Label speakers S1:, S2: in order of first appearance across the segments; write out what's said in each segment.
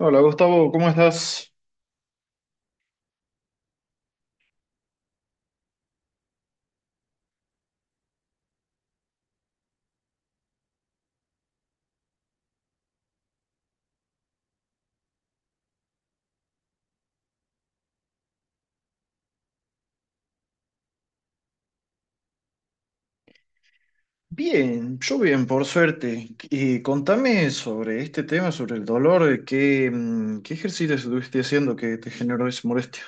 S1: Hola Gustavo, ¿cómo estás? Bien, yo bien, por suerte. Y contame sobre este tema, sobre el dolor, ¿qué ejercicio estuviste haciendo que te generó esa molestia?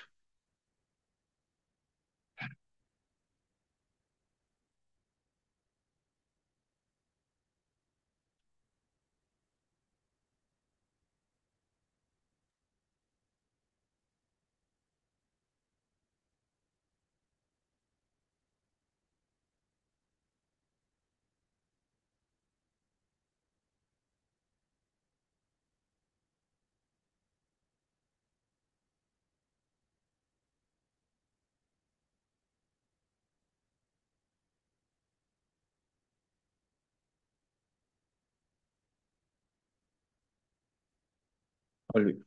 S1: Al-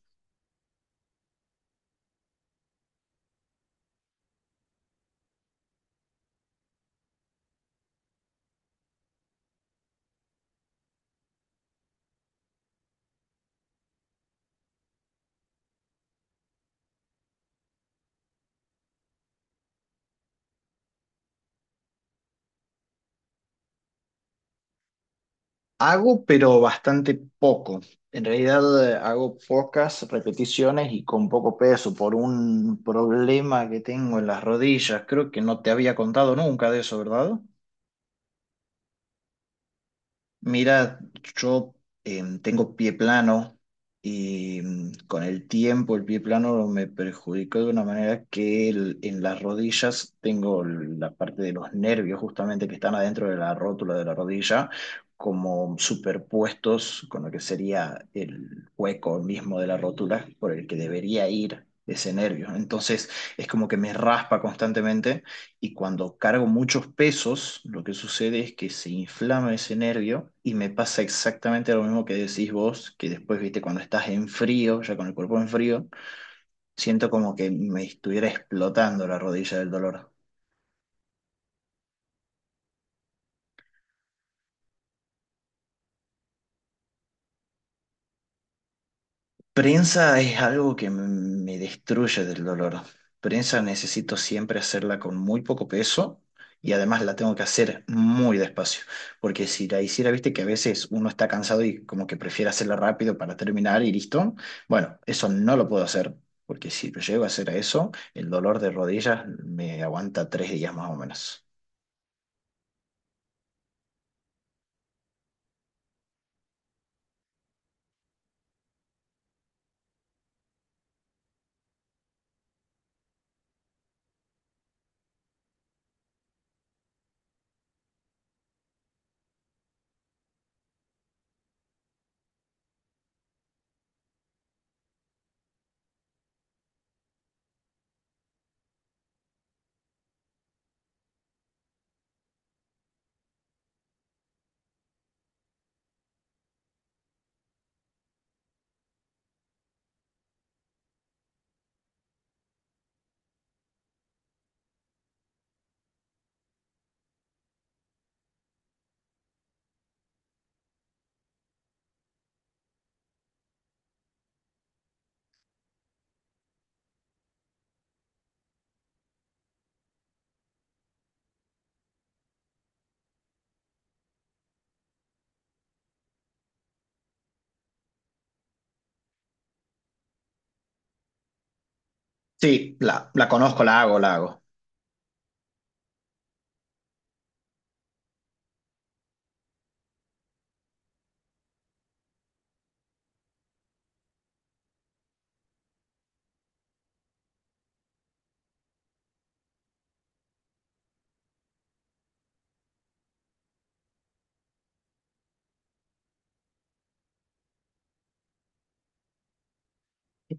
S1: Hago, pero bastante poco. En realidad hago pocas repeticiones y con poco peso por un problema que tengo en las rodillas. Creo que no te había contado nunca de eso, ¿verdad? Mira, yo tengo pie plano y con el tiempo el pie plano me perjudicó de una manera que en las rodillas tengo la parte de los nervios justamente que están adentro de la rótula de la rodilla como superpuestos con lo que sería el hueco mismo de la rótula por el que debería ir ese nervio. Entonces es como que me raspa constantemente. Y cuando cargo muchos pesos, lo que sucede es que se inflama ese nervio y me pasa exactamente lo mismo que decís vos, que después, viste, cuando estás en frío, ya con el cuerpo en frío, siento como que me estuviera explotando la rodilla del dolor. Prensa es algo que me destruye del dolor. Prensa necesito siempre hacerla con muy poco peso y además la tengo que hacer muy despacio, porque si la hiciera, viste que a veces uno está cansado y como que prefiere hacerla rápido para terminar y listo. Bueno, eso no lo puedo hacer, porque si lo llego a hacer a eso, el dolor de rodillas me aguanta 3 días más o menos. Sí, la conozco, la hago, la hago.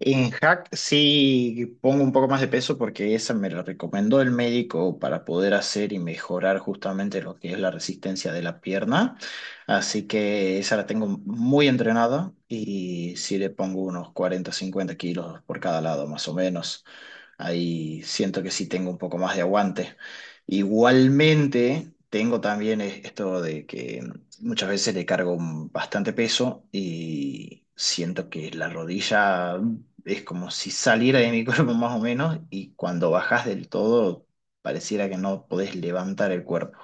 S1: En hack sí pongo un poco más de peso porque esa me la recomendó el médico para poder hacer y mejorar justamente lo que es la resistencia de la pierna. Así que esa la tengo muy entrenada y sí le pongo unos 40 50 kilos por cada lado más o menos. Ahí siento que sí tengo un poco más de aguante. Igualmente, tengo también esto de que muchas veces le cargo bastante peso y siento que la rodilla es como si saliera de mi cuerpo más o menos y cuando bajas del todo pareciera que no podés levantar el cuerpo.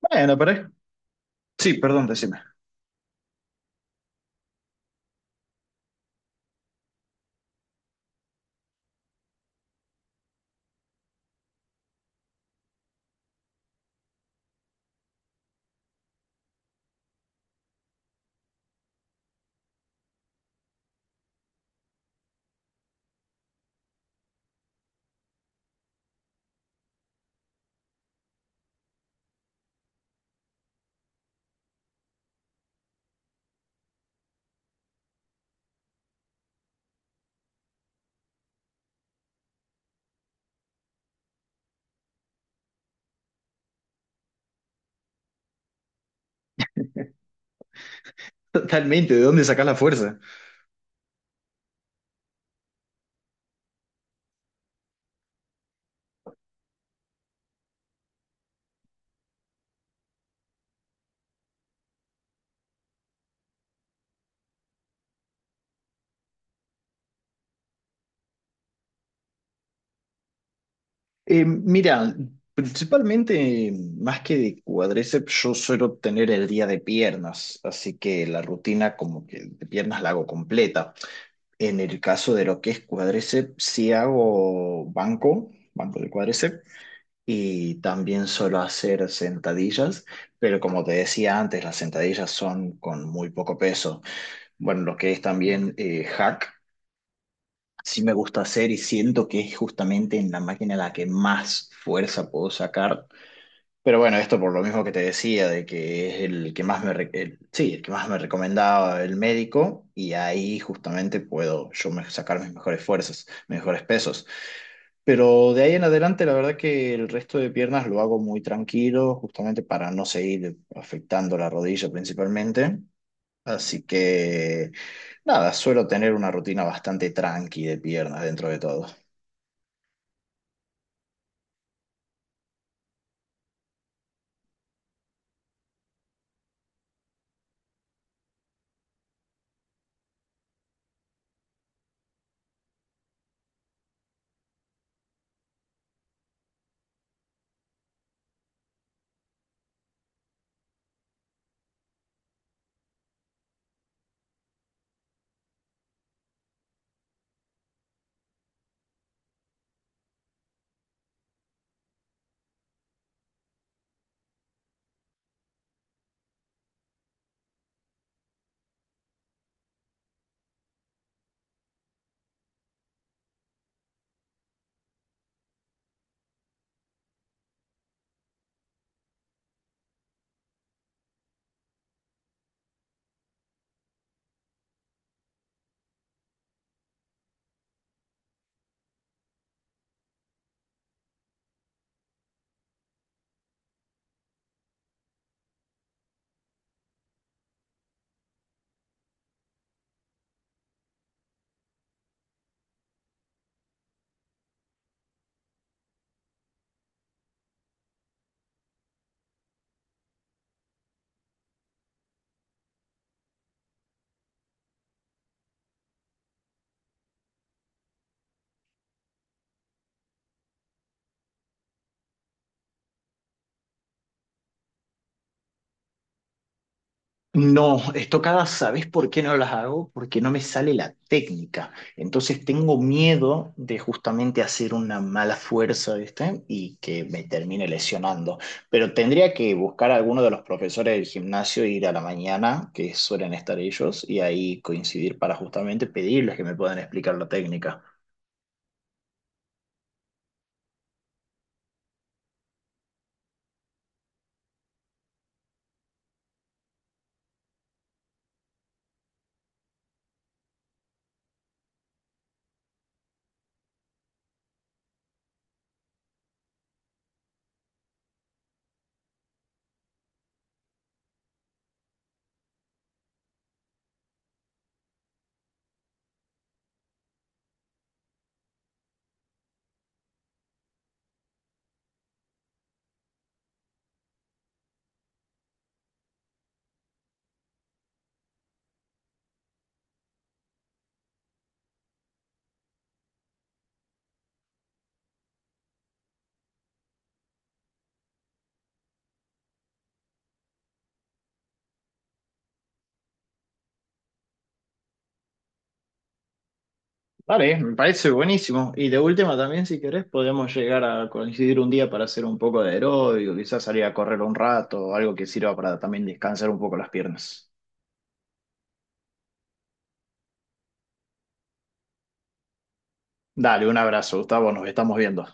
S1: Bueno, pero sí, perdón, decime. Totalmente, ¿de dónde sacás la fuerza? Mira, principalmente, más que de cuádriceps, yo suelo tener el día de piernas, así que la rutina como que de piernas la hago completa. En el caso de lo que es cuádriceps, sí hago banco, banco de cuádriceps, y también suelo hacer sentadillas, pero como te decía antes, las sentadillas son con muy poco peso. Bueno, lo que es también hack. Sí me gusta hacer y siento que es justamente en la máquina la que más fuerza puedo sacar, pero bueno, esto por lo mismo que te decía, de que es el que más me, sí, el que más me recomendaba el médico, y ahí justamente puedo yo sacar mis mejores fuerzas, mejores pesos. Pero de ahí en adelante, la verdad que el resto de piernas lo hago muy tranquilo, justamente para no seguir afectando la rodilla principalmente. Así que nada, suelo tener una rutina bastante tranqui de piernas dentro de todo. No, estocadas, ¿sabes por qué no las hago? Porque no me sale la técnica. Entonces tengo miedo de justamente hacer una mala fuerza, ¿viste? Y que me termine lesionando. Pero tendría que buscar a alguno de los profesores del gimnasio, e ir a la mañana, que suelen estar ellos, y ahí coincidir para justamente pedirles que me puedan explicar la técnica. Vale, me parece buenísimo. Y de última también, si querés, podemos llegar a coincidir un día para hacer un poco de aeróbico, quizás salir a correr un rato, algo que sirva para también descansar un poco las piernas. Dale, un abrazo, Gustavo, nos estamos viendo.